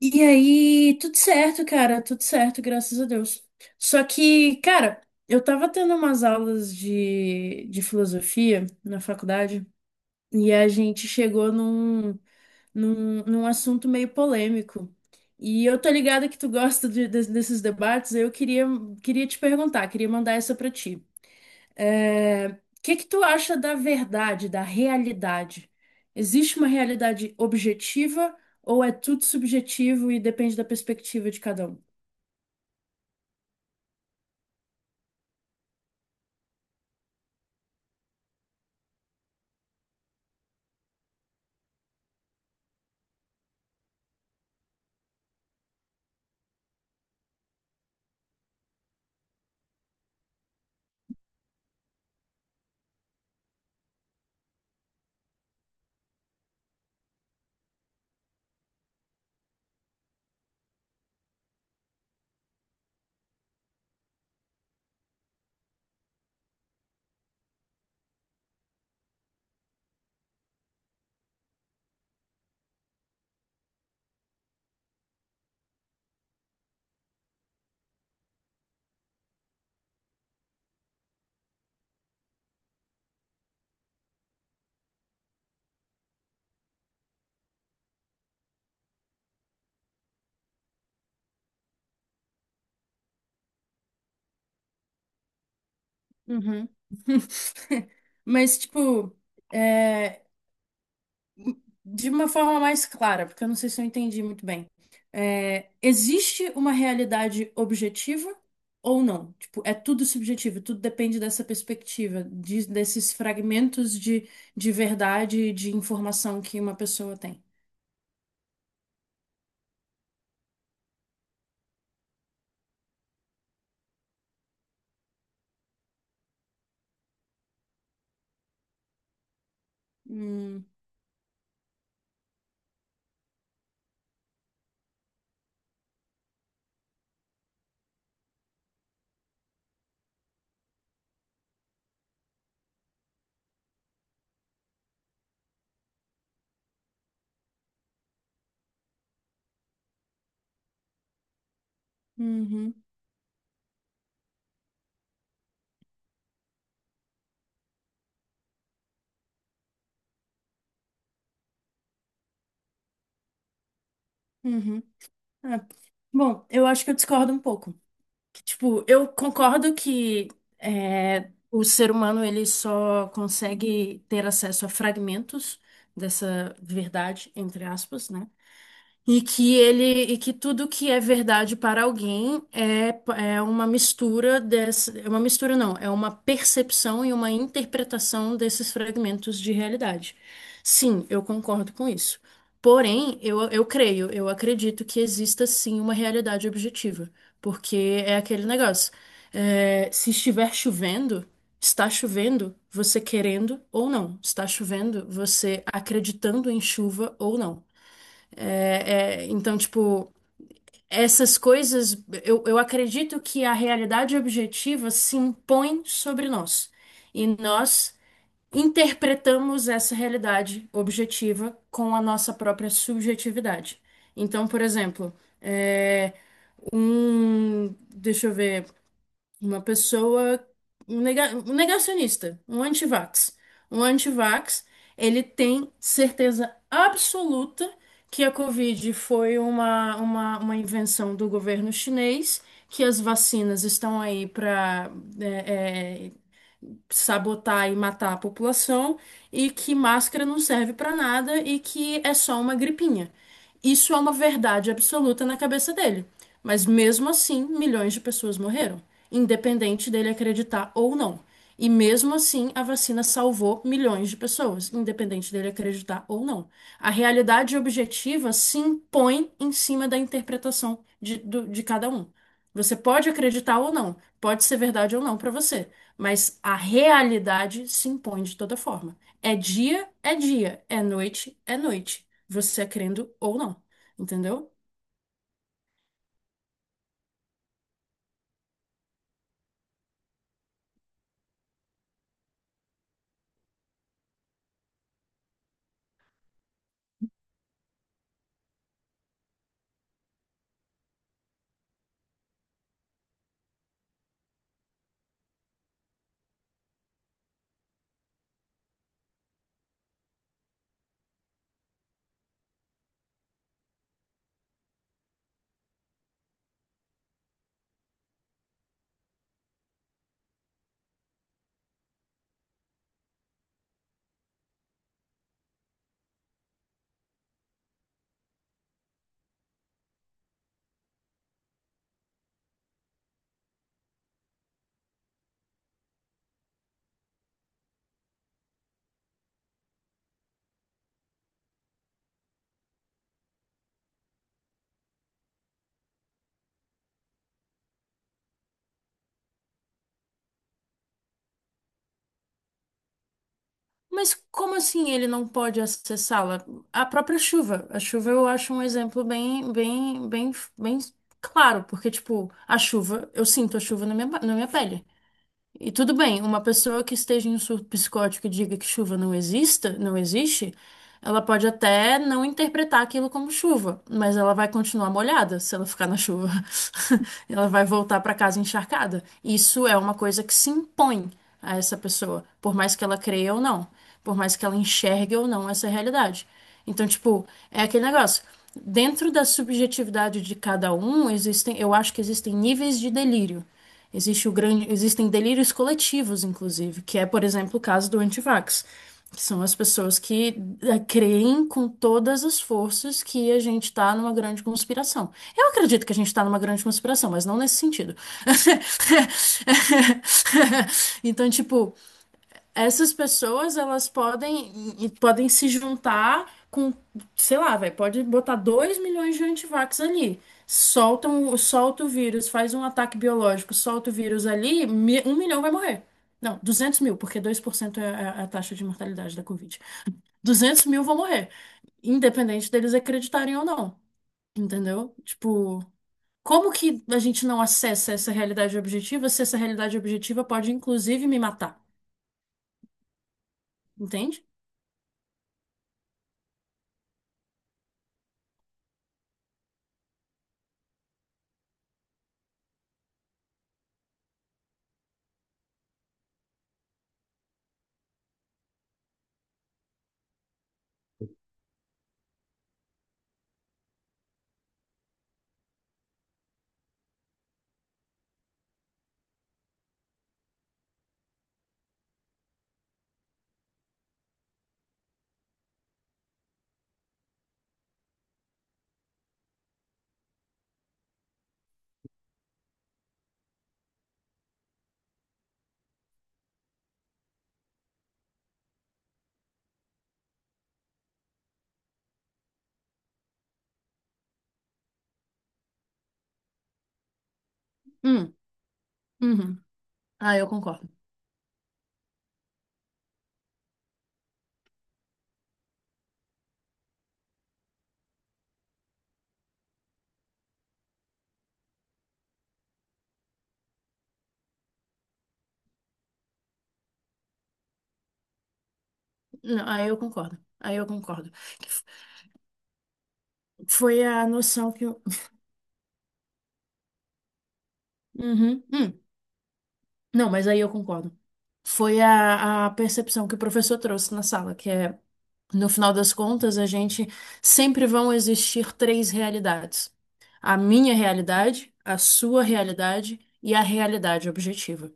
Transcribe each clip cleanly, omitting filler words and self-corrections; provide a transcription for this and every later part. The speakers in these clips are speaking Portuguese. E aí, tudo certo, cara, tudo certo, graças a Deus. Só que, cara, eu tava tendo umas aulas de filosofia na faculdade e a gente chegou num assunto meio polêmico. E eu tô ligada que tu gosta desses debates, eu queria te perguntar, queria mandar essa pra ti. O que que tu acha da verdade, da realidade? Existe uma realidade objetiva ou é tudo subjetivo e depende da perspectiva de cada um? Uhum. Mas, tipo, é, de uma forma mais clara, porque eu não sei se eu entendi muito bem. É, existe uma realidade objetiva ou não? Tipo, é tudo subjetivo, tudo depende dessa perspectiva, desses fragmentos de verdade e de informação que uma pessoa tem. Hum, uhum, uhum. É. Bom, eu acho que eu discordo um pouco. Tipo, eu concordo que o ser humano ele só consegue ter acesso a fragmentos dessa verdade, entre aspas, né? E que ele, e que tudo que é verdade para alguém é, é uma mistura não, é uma percepção e uma interpretação desses fragmentos de realidade. Sim, eu concordo com isso. Porém, eu creio, eu acredito que exista sim uma realidade objetiva, porque é aquele negócio. Se estiver chovendo, está chovendo, você querendo ou não. Está chovendo, você acreditando em chuva ou não. Então, tipo, essas coisas, eu acredito que a realidade objetiva se impõe sobre nós. E nós interpretamos essa realidade objetiva com a nossa própria subjetividade. Então, por exemplo, é, deixa eu ver. Uma pessoa, um negacionista, um antivax. Um antivax, ele tem certeza absoluta que a Covid foi uma invenção do governo chinês, que as vacinas estão aí para sabotar e matar a população e que máscara não serve pra nada e que é só uma gripinha. Isso é uma verdade absoluta na cabeça dele. Mas mesmo assim, milhões de pessoas morreram, independente dele acreditar ou não. E mesmo assim, a vacina salvou milhões de pessoas, independente dele acreditar ou não. A realidade objetiva se impõe em cima da interpretação de cada um. Você pode acreditar ou não, pode ser verdade ou não pra você. Mas a realidade se impõe de toda forma. É dia, é dia. É noite, é noite. Você é crendo ou não. Entendeu? Mas como assim ele não pode acessá-la? A própria chuva. A chuva eu acho um exemplo bem, bem, bem, bem claro, porque, tipo, a chuva, eu sinto a chuva na minha pele. E tudo bem, uma pessoa que esteja em um surto psicótico e diga que chuva não exista, não existe, ela pode até não interpretar aquilo como chuva, mas ela vai continuar molhada se ela ficar na chuva. Ela vai voltar para casa encharcada. Isso é uma coisa que se impõe a essa pessoa, por mais que ela creia ou não, por mais que ela enxergue ou não essa realidade. Então, tipo, é aquele negócio. Dentro da subjetividade de cada um, existem, eu acho que existem níveis de delírio. Existe o grande, existem delírios coletivos, inclusive, que é, por exemplo, o caso do antivax, que são as pessoas que creem com todas as forças que a gente está numa grande conspiração. Eu acredito que a gente está numa grande conspiração, mas não nesse sentido. Então, tipo, essas pessoas, elas podem, e podem se juntar com, sei lá, vai, pode botar 2 milhões de antivax ali. Soltam, solta o vírus, faz um ataque biológico, solta o vírus ali, 1 milhão vai morrer. Não, 200 mil, porque 2% é a taxa de mortalidade da Covid. 200 mil vão morrer, independente deles acreditarem ou não. Entendeu? Tipo, como que a gente não acessa essa realidade objetiva se essa realidade objetiva pode, inclusive, me matar? Entende? Hum, uhum. Ah, eu concordo. Não, aí eu concordo. Aí eu concordo. Que f- Foi a noção que. Uhum. Hum. Não, mas aí eu concordo. Foi a percepção que o professor trouxe na sala, que é, no final das contas, a gente sempre vão existir três realidades: a minha realidade, a sua realidade e a realidade objetiva.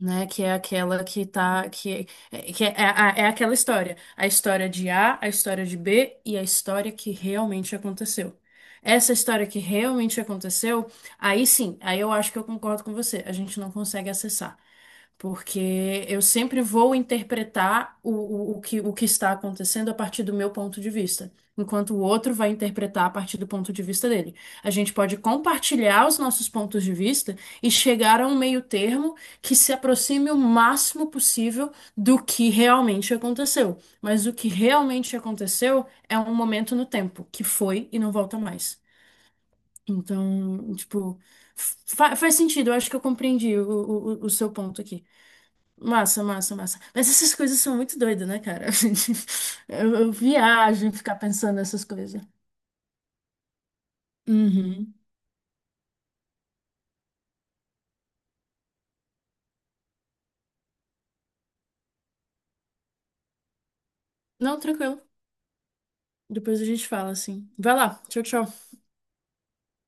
Né? Que é aquela que tá, que é, é, a- é aquela história, a história de A, a história de B e a história que realmente aconteceu. Essa história que realmente aconteceu, aí sim, aí eu acho que eu concordo com você, a gente não consegue acessar. Porque eu sempre vou interpretar o que está acontecendo a partir do meu ponto de vista, enquanto o outro vai interpretar a partir do ponto de vista dele. A gente pode compartilhar os nossos pontos de vista e chegar a um meio termo que se aproxime o máximo possível do que realmente aconteceu. Mas o que realmente aconteceu é um momento no tempo, que foi e não volta mais. Então, tipo, faz sentido, eu acho que eu compreendi o seu ponto aqui. Massa, massa, massa. Mas essas coisas são muito doidas, né, cara? Eu viajo em ficar pensando nessas coisas. Uhum. Não, tranquilo. Depois a gente fala assim. Vai lá, tchau, tchau.